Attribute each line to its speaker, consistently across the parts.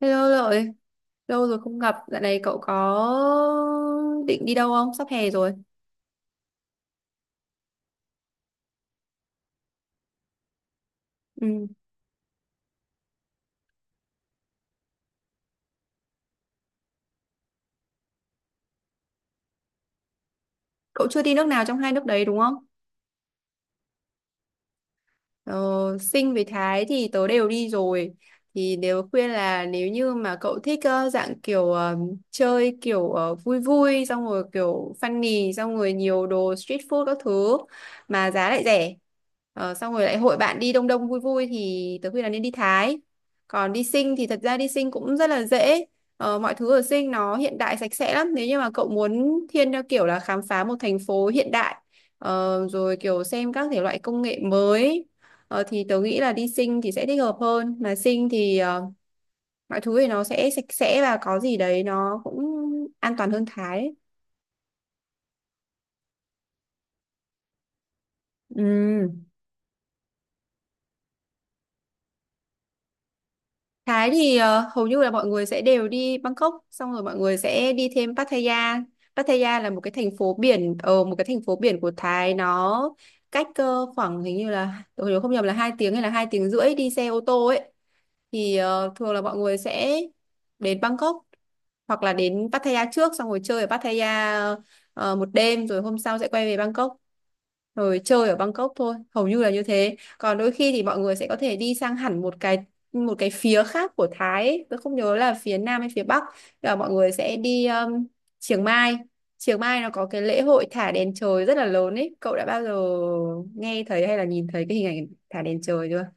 Speaker 1: Hello Lợi, lâu rồi không gặp, dạo này cậu có định đi đâu không? Sắp hè rồi. Ừ. Cậu chưa đi nước nào trong hai nước đấy đúng không? Ờ, Sinh với Thái thì tớ đều đi rồi, thì nếu khuyên là nếu như mà cậu thích dạng kiểu chơi kiểu vui vui, xong rồi kiểu funny, xong rồi nhiều đồ street food các thứ mà giá lại rẻ. Xong rồi lại hội bạn đi đông đông vui vui thì tớ khuyên là nên đi Thái. Còn đi Sinh thì thật ra đi Sinh cũng rất là dễ. Mọi thứ ở Sinh nó hiện đại sạch sẽ lắm, nếu như mà cậu muốn thiên theo kiểu là khám phá một thành phố hiện đại. Rồi kiểu xem các thể loại công nghệ mới. Thì tớ nghĩ là đi Sinh thì sẽ thích hợp hơn, mà Sinh thì mọi thứ thì nó sẽ sạch sẽ và có gì đấy nó cũng an toàn hơn Thái ấy. Ừ. Thái thì hầu như là mọi người sẽ đều đi Bangkok, xong rồi mọi người sẽ đi thêm Pattaya. Pattaya là một cái thành phố biển của Thái. Nó cách khoảng, hình như là tôi nhớ không nhầm là 2 tiếng hay là 2 tiếng rưỡi đi xe ô tô ấy. Thì thường là mọi người sẽ đến Bangkok hoặc là đến Pattaya trước, xong rồi chơi ở Pattaya một đêm, rồi hôm sau sẽ quay về Bangkok rồi chơi ở Bangkok thôi, hầu như là như thế. Còn đôi khi thì mọi người sẽ có thể đi sang hẳn một cái phía khác của Thái ấy. Tôi không nhớ là phía Nam hay phía Bắc. Tức là mọi người sẽ đi Chiang Mai. Chiang Mai nó có cái lễ hội thả đèn trời rất là lớn ấy. Cậu đã bao giờ nghe thấy hay là nhìn thấy cái hình ảnh thả đèn trời chưa?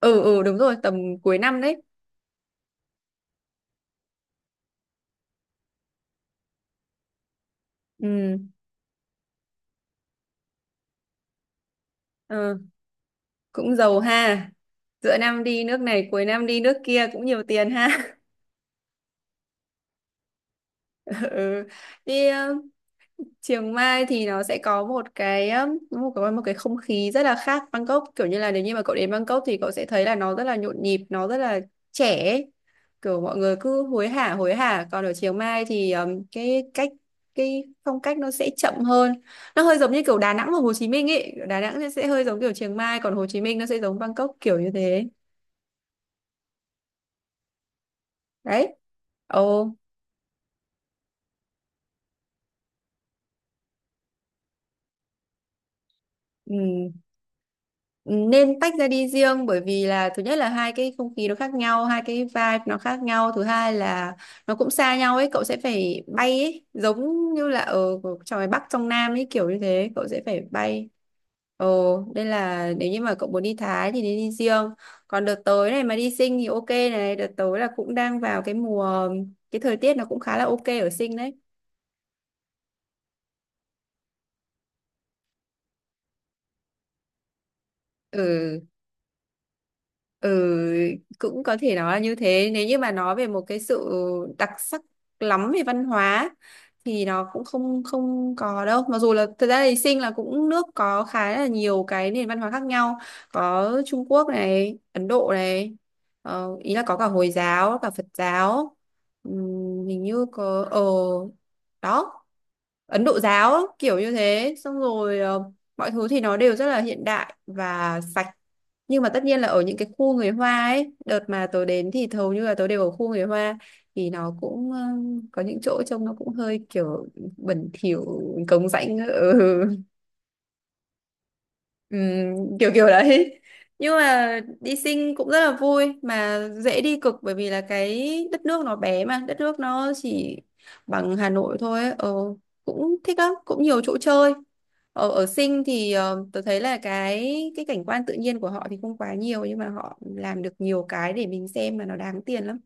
Speaker 1: Ừ, ừ, đúng rồi, tầm cuối năm đấy. Ừ. ờ, Cũng giàu ha, giữa năm đi nước này cuối năm đi nước kia cũng nhiều tiền ha. Ừ. Đi Chiang Mai thì nó sẽ có một cái không khí rất là khác Bangkok. Kiểu như là nếu như mà cậu đến Bangkok thì cậu sẽ thấy là nó rất là nhộn nhịp, nó rất là trẻ ấy. Kiểu mọi người cứ hối hả hối hả, còn ở Chiang Mai thì cái phong cách nó sẽ chậm hơn. Nó hơi giống như kiểu Đà Nẵng và Hồ Chí Minh ấy. Đà Nẵng sẽ hơi giống kiểu Chiang Mai, còn Hồ Chí Minh nó sẽ giống Bangkok, kiểu như thế. Đấy. Ồ. Ừ. Ừ, nên tách ra đi riêng, bởi vì là thứ nhất là hai cái không khí nó khác nhau, hai cái vibe nó khác nhau. Thứ hai là nó cũng xa nhau ấy, cậu sẽ phải bay ấy, giống như là ở trong, ngoài Bắc trong Nam ấy, kiểu như thế. Cậu sẽ phải bay. Ồ, nên là nếu như mà cậu muốn đi Thái thì nên đi riêng. Còn đợt tới này mà đi Sing thì ok này, đợt tới là cũng đang vào cái mùa, cái thời tiết nó cũng khá là ok ở Sing đấy. Ừ. Ừ, cũng có thể nói là như thế. Nếu như mà nói về một cái sự đặc sắc lắm về văn hóa thì nó cũng không không có đâu. Mặc dù là thật ra thì Sinh là cũng nước có khá là nhiều cái nền văn hóa khác nhau. Có Trung Quốc này, Ấn Độ này, ý là có cả Hồi giáo, cả Phật giáo. Hình như có đó, Ấn Độ giáo, kiểu như thế. Xong rồi mọi thứ thì nó đều rất là hiện đại và sạch. Nhưng mà tất nhiên là ở những cái khu người Hoa ấy, đợt mà tớ đến thì hầu như là tớ đều ở khu người Hoa, thì nó cũng có những chỗ trông nó cũng hơi kiểu bẩn thỉu, cống rãnh, ừ. Kiểu kiểu đấy. Nhưng mà đi Sing cũng rất là vui, mà dễ đi cực, bởi vì là cái đất nước nó bé, mà đất nước nó chỉ bằng Hà Nội thôi ấy. Ờ, cũng thích lắm, cũng nhiều chỗ chơi. Ở ở Sinh thì tôi thấy là cái cảnh quan tự nhiên của họ thì không quá nhiều, nhưng mà họ làm được nhiều cái để mình xem mà nó đáng tiền lắm.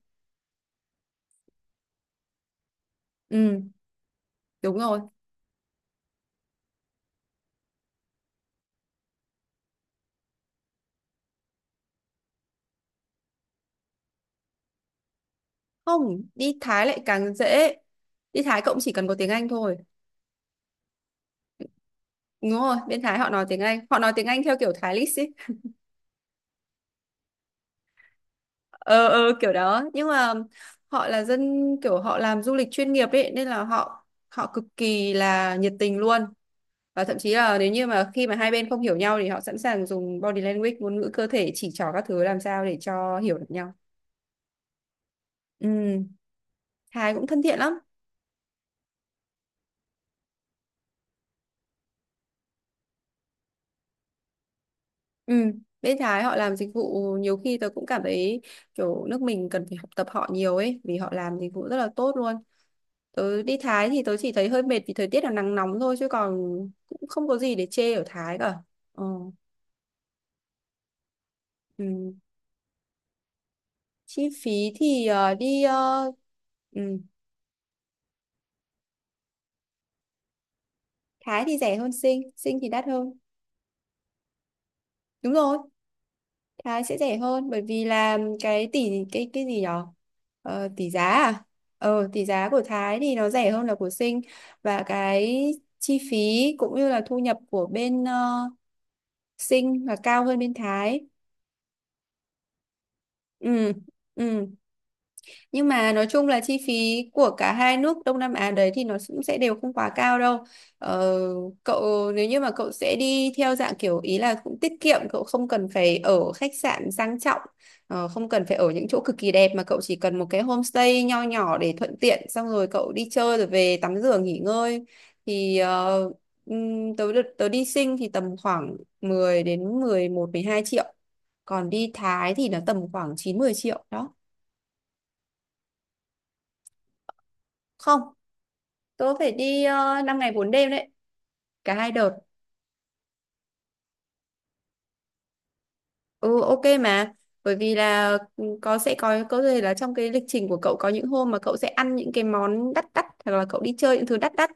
Speaker 1: Ừ, đúng rồi. Không, đi Thái lại càng dễ. Đi Thái cũng chỉ cần có tiếng Anh thôi. Đúng rồi, bên Thái họ nói tiếng Anh, họ nói tiếng Anh theo kiểu Thái lít ấy. Ờ, ờ, kiểu đó. Nhưng mà họ là dân, kiểu họ làm du lịch chuyên nghiệp ấy, nên là họ họ cực kỳ là nhiệt tình luôn. Và thậm chí là nếu như mà khi mà hai bên không hiểu nhau thì họ sẵn sàng dùng body language, ngôn ngữ cơ thể, chỉ trỏ các thứ, làm sao để cho hiểu được nhau. Ừ. Thái cũng thân thiện lắm. Ừ. Bên Thái họ làm dịch vụ, nhiều khi tôi cũng cảm thấy kiểu nước mình cần phải học tập họ nhiều ấy, vì họ làm dịch vụ rất là tốt luôn. Tớ đi Thái thì tớ chỉ thấy hơi mệt vì thời tiết là nắng nóng thôi, chứ còn cũng không có gì để chê ở Thái cả. ờ. Ừ. Chi phí thì đi Ừ. Thái thì rẻ hơn Sing. Sing thì đắt hơn. Đúng rồi, Thái sẽ rẻ hơn, bởi vì là cái gì nhở? Ờ, tỷ giá à? Tỷ giá của Thái thì nó rẻ hơn là của Sinh. Và cái chi phí cũng như là thu nhập của bên Sinh là cao hơn bên Thái. Ừ. Ừ. Nhưng mà nói chung là chi phí của cả hai nước Đông Nam Á đấy thì nó cũng sẽ đều không quá cao đâu. Ờ, cậu Nếu như mà cậu sẽ đi theo dạng kiểu ý là cũng tiết kiệm, cậu không cần phải ở khách sạn sang trọng, không cần phải ở những chỗ cực kỳ đẹp, mà cậu chỉ cần một cái homestay nho nhỏ để thuận tiện, xong rồi cậu đi chơi rồi về tắm rửa nghỉ ngơi, thì tớ đi Sing thì tầm khoảng 10 đến 11 12 triệu. Còn đi Thái thì nó tầm khoảng 9 10 triệu đó. Không. Tôi phải đi 5 ngày 4 đêm đấy, cả hai đợt. Ừ, ok mà, bởi vì là có sẽ có thể là trong cái lịch trình của cậu có những hôm mà cậu sẽ ăn những cái món đắt đắt, hoặc là cậu đi chơi những thứ đắt đắt.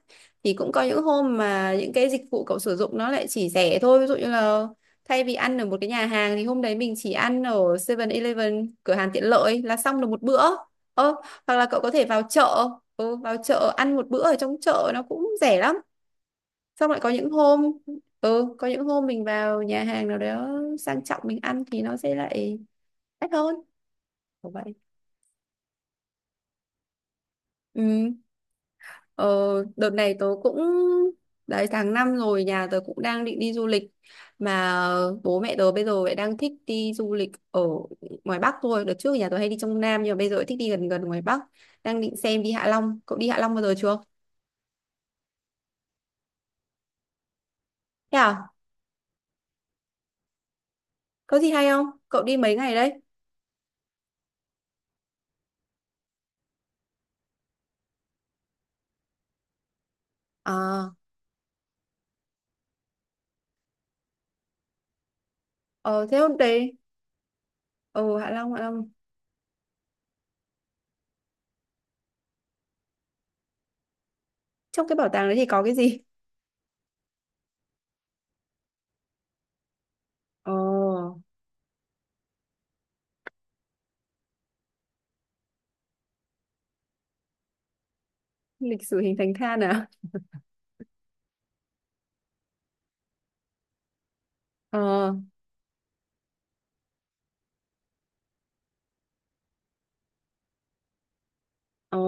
Speaker 1: Thì cũng có những hôm mà những cái dịch vụ cậu sử dụng nó lại chỉ rẻ thôi, ví dụ như là thay vì ăn ở một cái nhà hàng thì hôm đấy mình chỉ ăn ở 7-Eleven, cửa hàng tiện lợi, là xong được một bữa. Ờ, hoặc là cậu có thể vào chợ, vào chợ ăn một bữa ở trong chợ nó cũng rẻ lắm. Xong lại có những hôm, có những hôm mình vào nhà hàng nào đó sang trọng, mình ăn thì nó sẽ lại đắt hơn, kiểu vậy. Ừ. ờ, Đợt này tớ cũng, đấy, tháng 5 rồi, nhà tớ cũng đang định đi du lịch mà. Bố mẹ tớ bây giờ lại đang thích đi du lịch ở ngoài Bắc thôi. Đợt trước nhà tớ hay đi trong Nam, nhưng mà bây giờ lại thích đi gần gần ngoài Bắc. Đang định xem đi Hạ Long. Cậu đi Hạ Long bao giờ chưa? Thế à? Có gì hay không? Cậu đi mấy ngày đấy? à ờ Thế hôm đấy, ừ, Hạ Long. Trong cái bảo tàng đấy thì có cái gì? Ồ, lịch sử hình thành than à? Ờ. Ồ,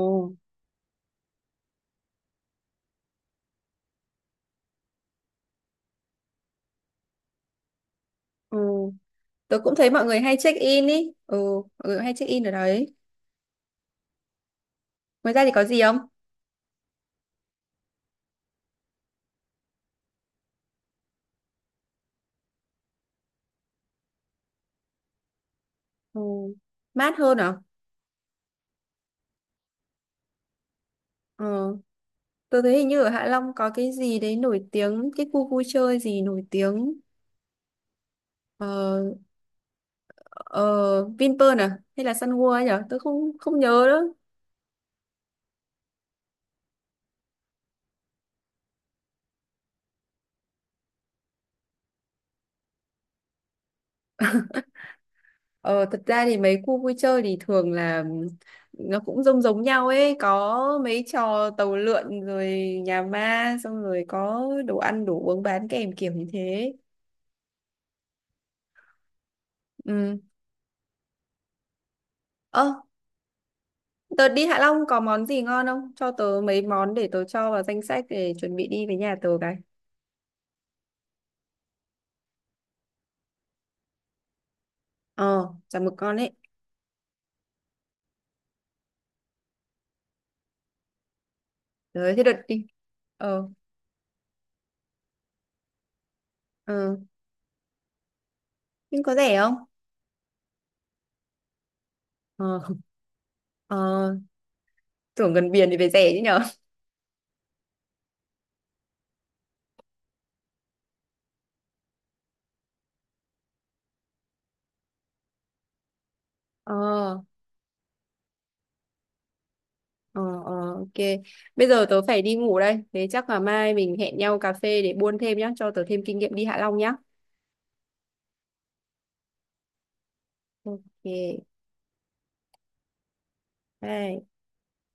Speaker 1: ồ. Tớ cũng thấy mọi người hay check in ý. Ừ, mọi người hay check in ở đấy. Ngoài ra thì có gì không? Ừ, mát hơn à? Ờ, tớ thấy hình như ở Hạ Long có cái gì đấy nổi tiếng, cái khu vui chơi gì nổi tiếng. Ờ, ờ, Vinpearl à? Hay là Sun World ấy nhở? Tớ không không nhớ nữa. Ờ, thật ra thì mấy khu vui chơi thì thường là nó cũng giống giống nhau ấy, có mấy trò tàu lượn rồi nhà ma, xong rồi có đồ ăn đồ uống bán kèm, kiểu như thế. Ừ. Ơ, tớ đi Hạ Long có món gì ngon không? Cho tớ mấy món để tớ cho vào danh sách để chuẩn bị đi với nhà tớ cái. Ờ, chả mực con ấy. Rồi, thế đợt đi. Ờ, ờ. Nhưng có rẻ không? Ờ. Ờ. Tưởng gần biển thì phải rẻ chứ nhở? Ờ. Ờ, ờ, ok. Bây giờ tớ phải đi ngủ đây. Thế chắc là mai mình hẹn nhau cà phê để buôn thêm nhá, cho tớ thêm kinh nghiệm đi Hạ Long nhá. Ok. Bye.